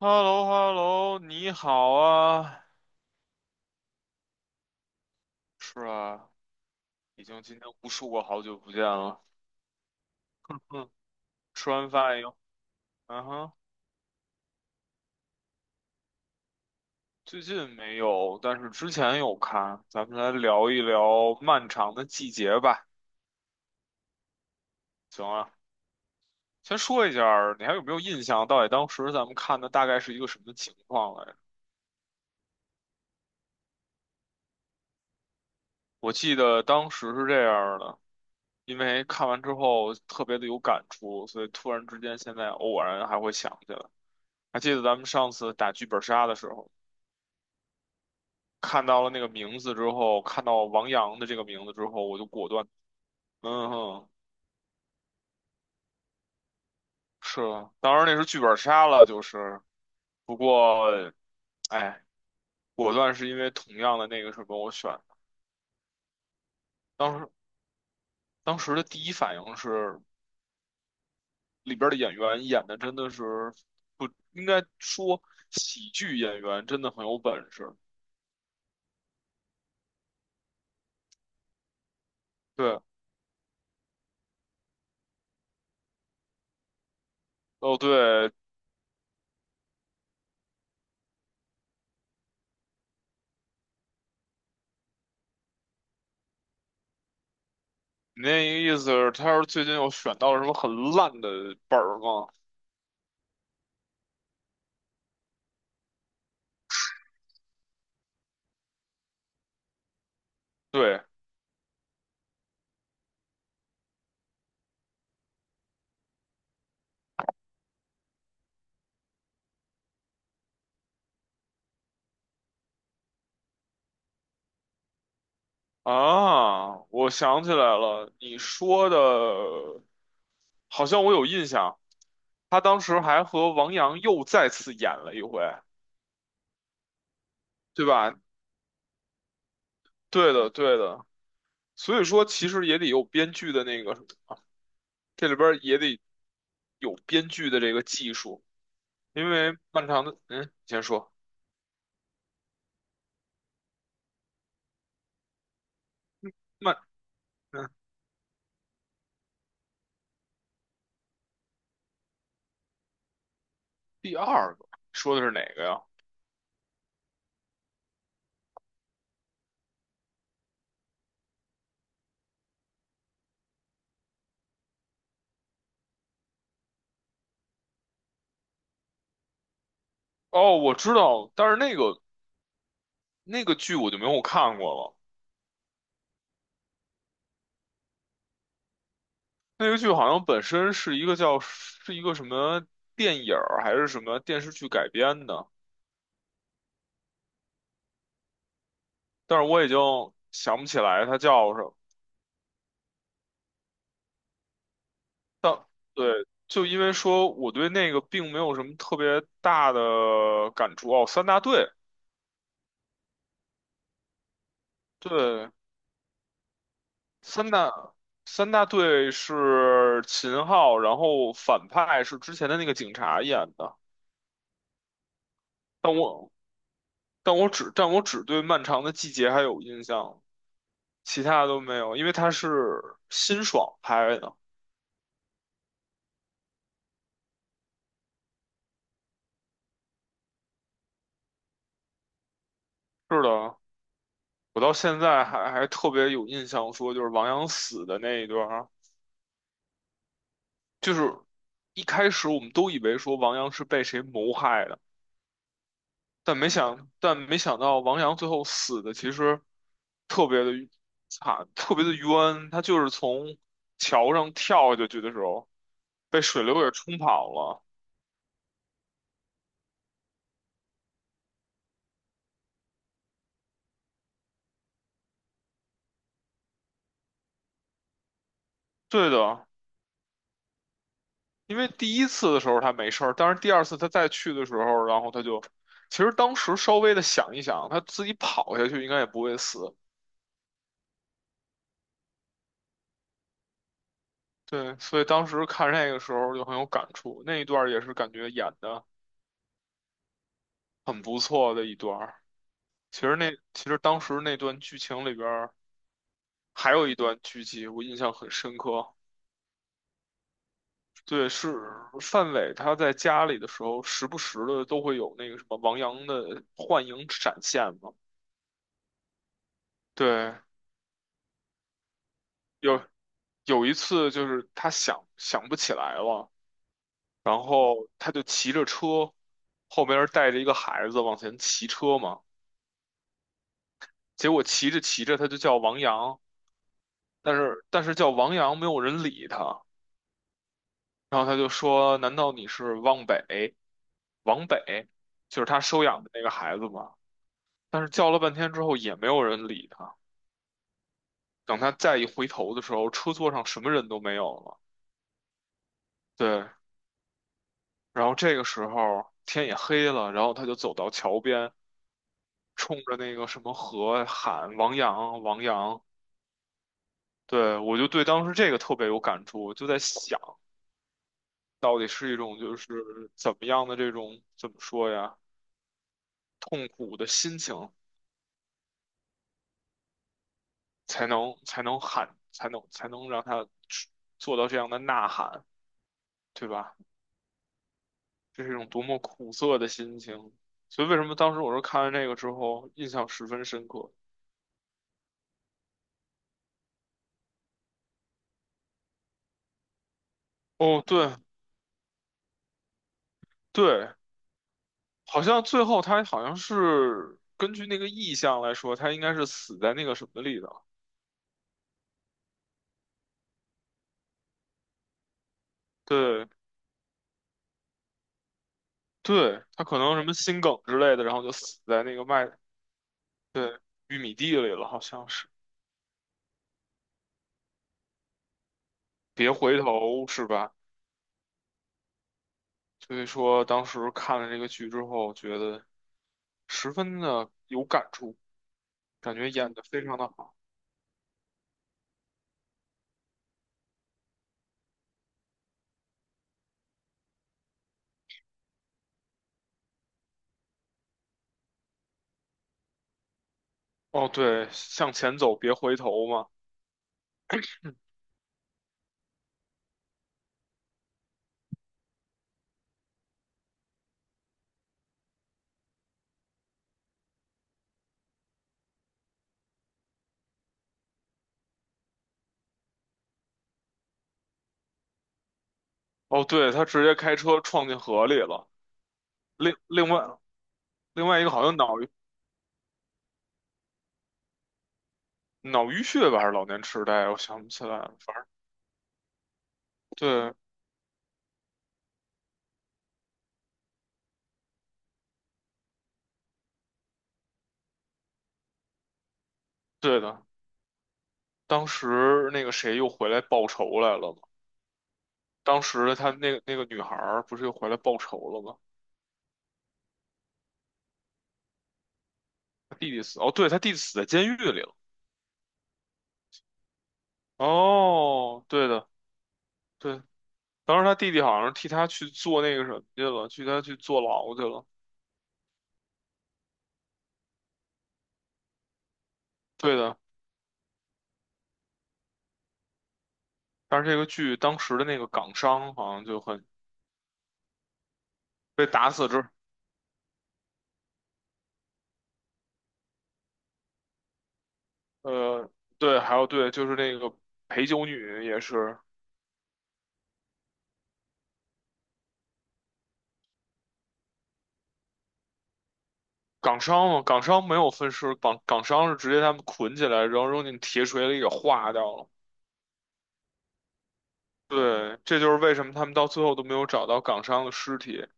h e l l o hello 你好啊。是啊，已经今天无数个好久不见了。嗯，吃完饭以后，嗯哼，最近没有，但是之前有看。咱们来聊一聊漫长的季节吧，行啊。先说一下儿你还有没有印象？到底当时咱们看的大概是一个什么情况来着？我记得当时是这样儿的，因为看完之后特别的有感触，所以突然之间现在偶然还会想起来。还记得咱们上次打剧本杀的时候。看到了那个名字之后，看到王阳的这个名字之后，我就果断，嗯哼，是啊，当然那是剧本杀了，就是，不过，哎，果断是因为同样的那个什么，我选的，当时当时的第一反应是里边的演员演的真的是不应该说喜剧演员真的很有本事，对，哦对，你那意思是他要是最近又选到了什么很烂的本儿吗？对。啊，我想起来了，你说的，好像我有印象。他当时还和王阳又再次演了一回，对吧？对的，对的。所以说，其实也得有编剧的那个，这里边儿也得有编剧的这个技术，因为漫长的，嗯，你先说，漫，嗯，第二个说的是哪个呀？哦，我知道，但是那个剧我就没有看过了。那个剧好像本身是一个叫是一个什么电影儿还是什么电视剧改编的，但是我已经想不起来它叫什么。但对，就因为说我对那个并没有什么特别大的感触哦。三大队，对，三大三大队是秦昊，然后反派是之前的那个警察演的。但我但我只对《漫长的季节》还有印象。其他的都没有，因为它是辛爽拍的。是的，我到现在还特别有印象，说就是王阳死的那一段儿，就是一开始我们都以为说王阳是被谁谋害的，但没想到王阳最后死的其实特别的惨，特别的冤。他就是从桥上跳下去的时候被水流给冲跑了。对的，因为第一次的时候他没事儿，但是第二次他再去的时候，然后他就，其实当时稍微的想一想，他自己跑下去应该也不会死。对，所以当时看那个时候就很有感触，那一段儿也是感觉演的很不错的一段儿。其实当时那段剧情里边儿还有一段剧集我印象很深刻，对，是范伟他在家里的时候，时不时的都会有那个什么王阳的幻影闪现嘛。对，有一次就是他想不起来了，然后他就骑着车，后边儿带着一个孩子往前骑车嘛，结果骑着骑着他就叫王阳，但是叫王阳没有人理他，然后他就说：“难道你是汪北？王北，就是他收养的那个孩子嘛？”但是叫了半天之后也没有人理他，等他再一回头的时候，车座上什么人都没有了。对，然后这个时候天也黑了，然后他就走到桥边。冲着那个什么河喊“王阳，王阳”，对，我就对当时这个特别有感触，我就在想，到底是一种就是怎么样的这种怎么说呀，痛苦的心情才能喊，才能让他做到这样的呐喊，对吧？这是一种多么苦涩的心情。所以为什么当时我说看完这个之后印象十分深刻？哦，对，好像最后他好像是根据那个意象来说，他应该是死在那个什么里的。对对，他可能什么心梗之类的，然后就死在那个麦，对，玉米地里了，好像是。别回头是吧？所以说当时看了这个剧之后，觉得十分的有感触，感觉演得非常的好。哦，对，向前走，别回头嘛。哦，对，他直接开车撞进河里了。另外另外一个好像脑淤血吧，还是老年痴呆？我想不起来了。对，对的，当时那个谁又回来报仇来了嘛？当时他那个女孩儿不是又回来报仇了吗？他弟弟死，哦，对，他弟弟死在监狱里了。哦，对的，对，当时他弟弟好像是替他去做那个什么去了，替他去坐牢去了。对的，但是这个剧当时的那个港商好像就很被打死之，呃，对，还有对，就是那个陪酒女也是。港商嘛，港商没有分尸，港商是直接他们捆起来，然后扔进铁锤里给化掉了。对，这就是为什么他们到最后都没有找到港商的尸体。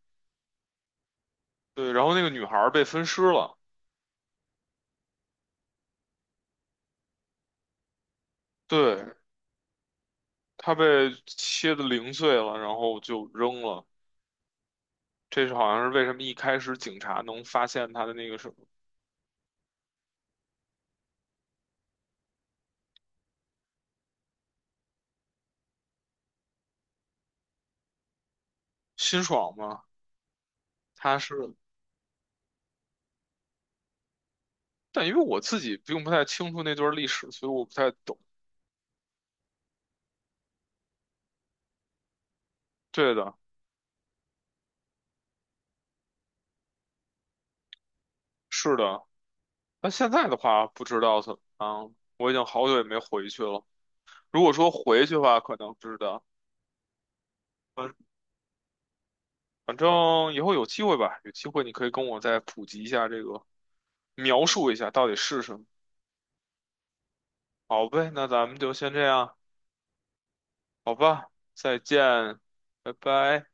对，然后那个女孩儿被分尸了，对，她被切得零碎了，然后就扔了。这是好像是为什么一开始警察能发现她的那个什么辛爽嘛，她是，但因为我自己并不太清楚那段历史，所以我不太懂。对的，是的。那现在的话，不知道怎么样，我已经好久也没回去了。如果说回去的话，可能知道。反反正以后有机会吧，有机会你可以跟我再普及一下这个，描述一下到底是什么。好呗，那咱们就先这样，好吧，再见，拜拜。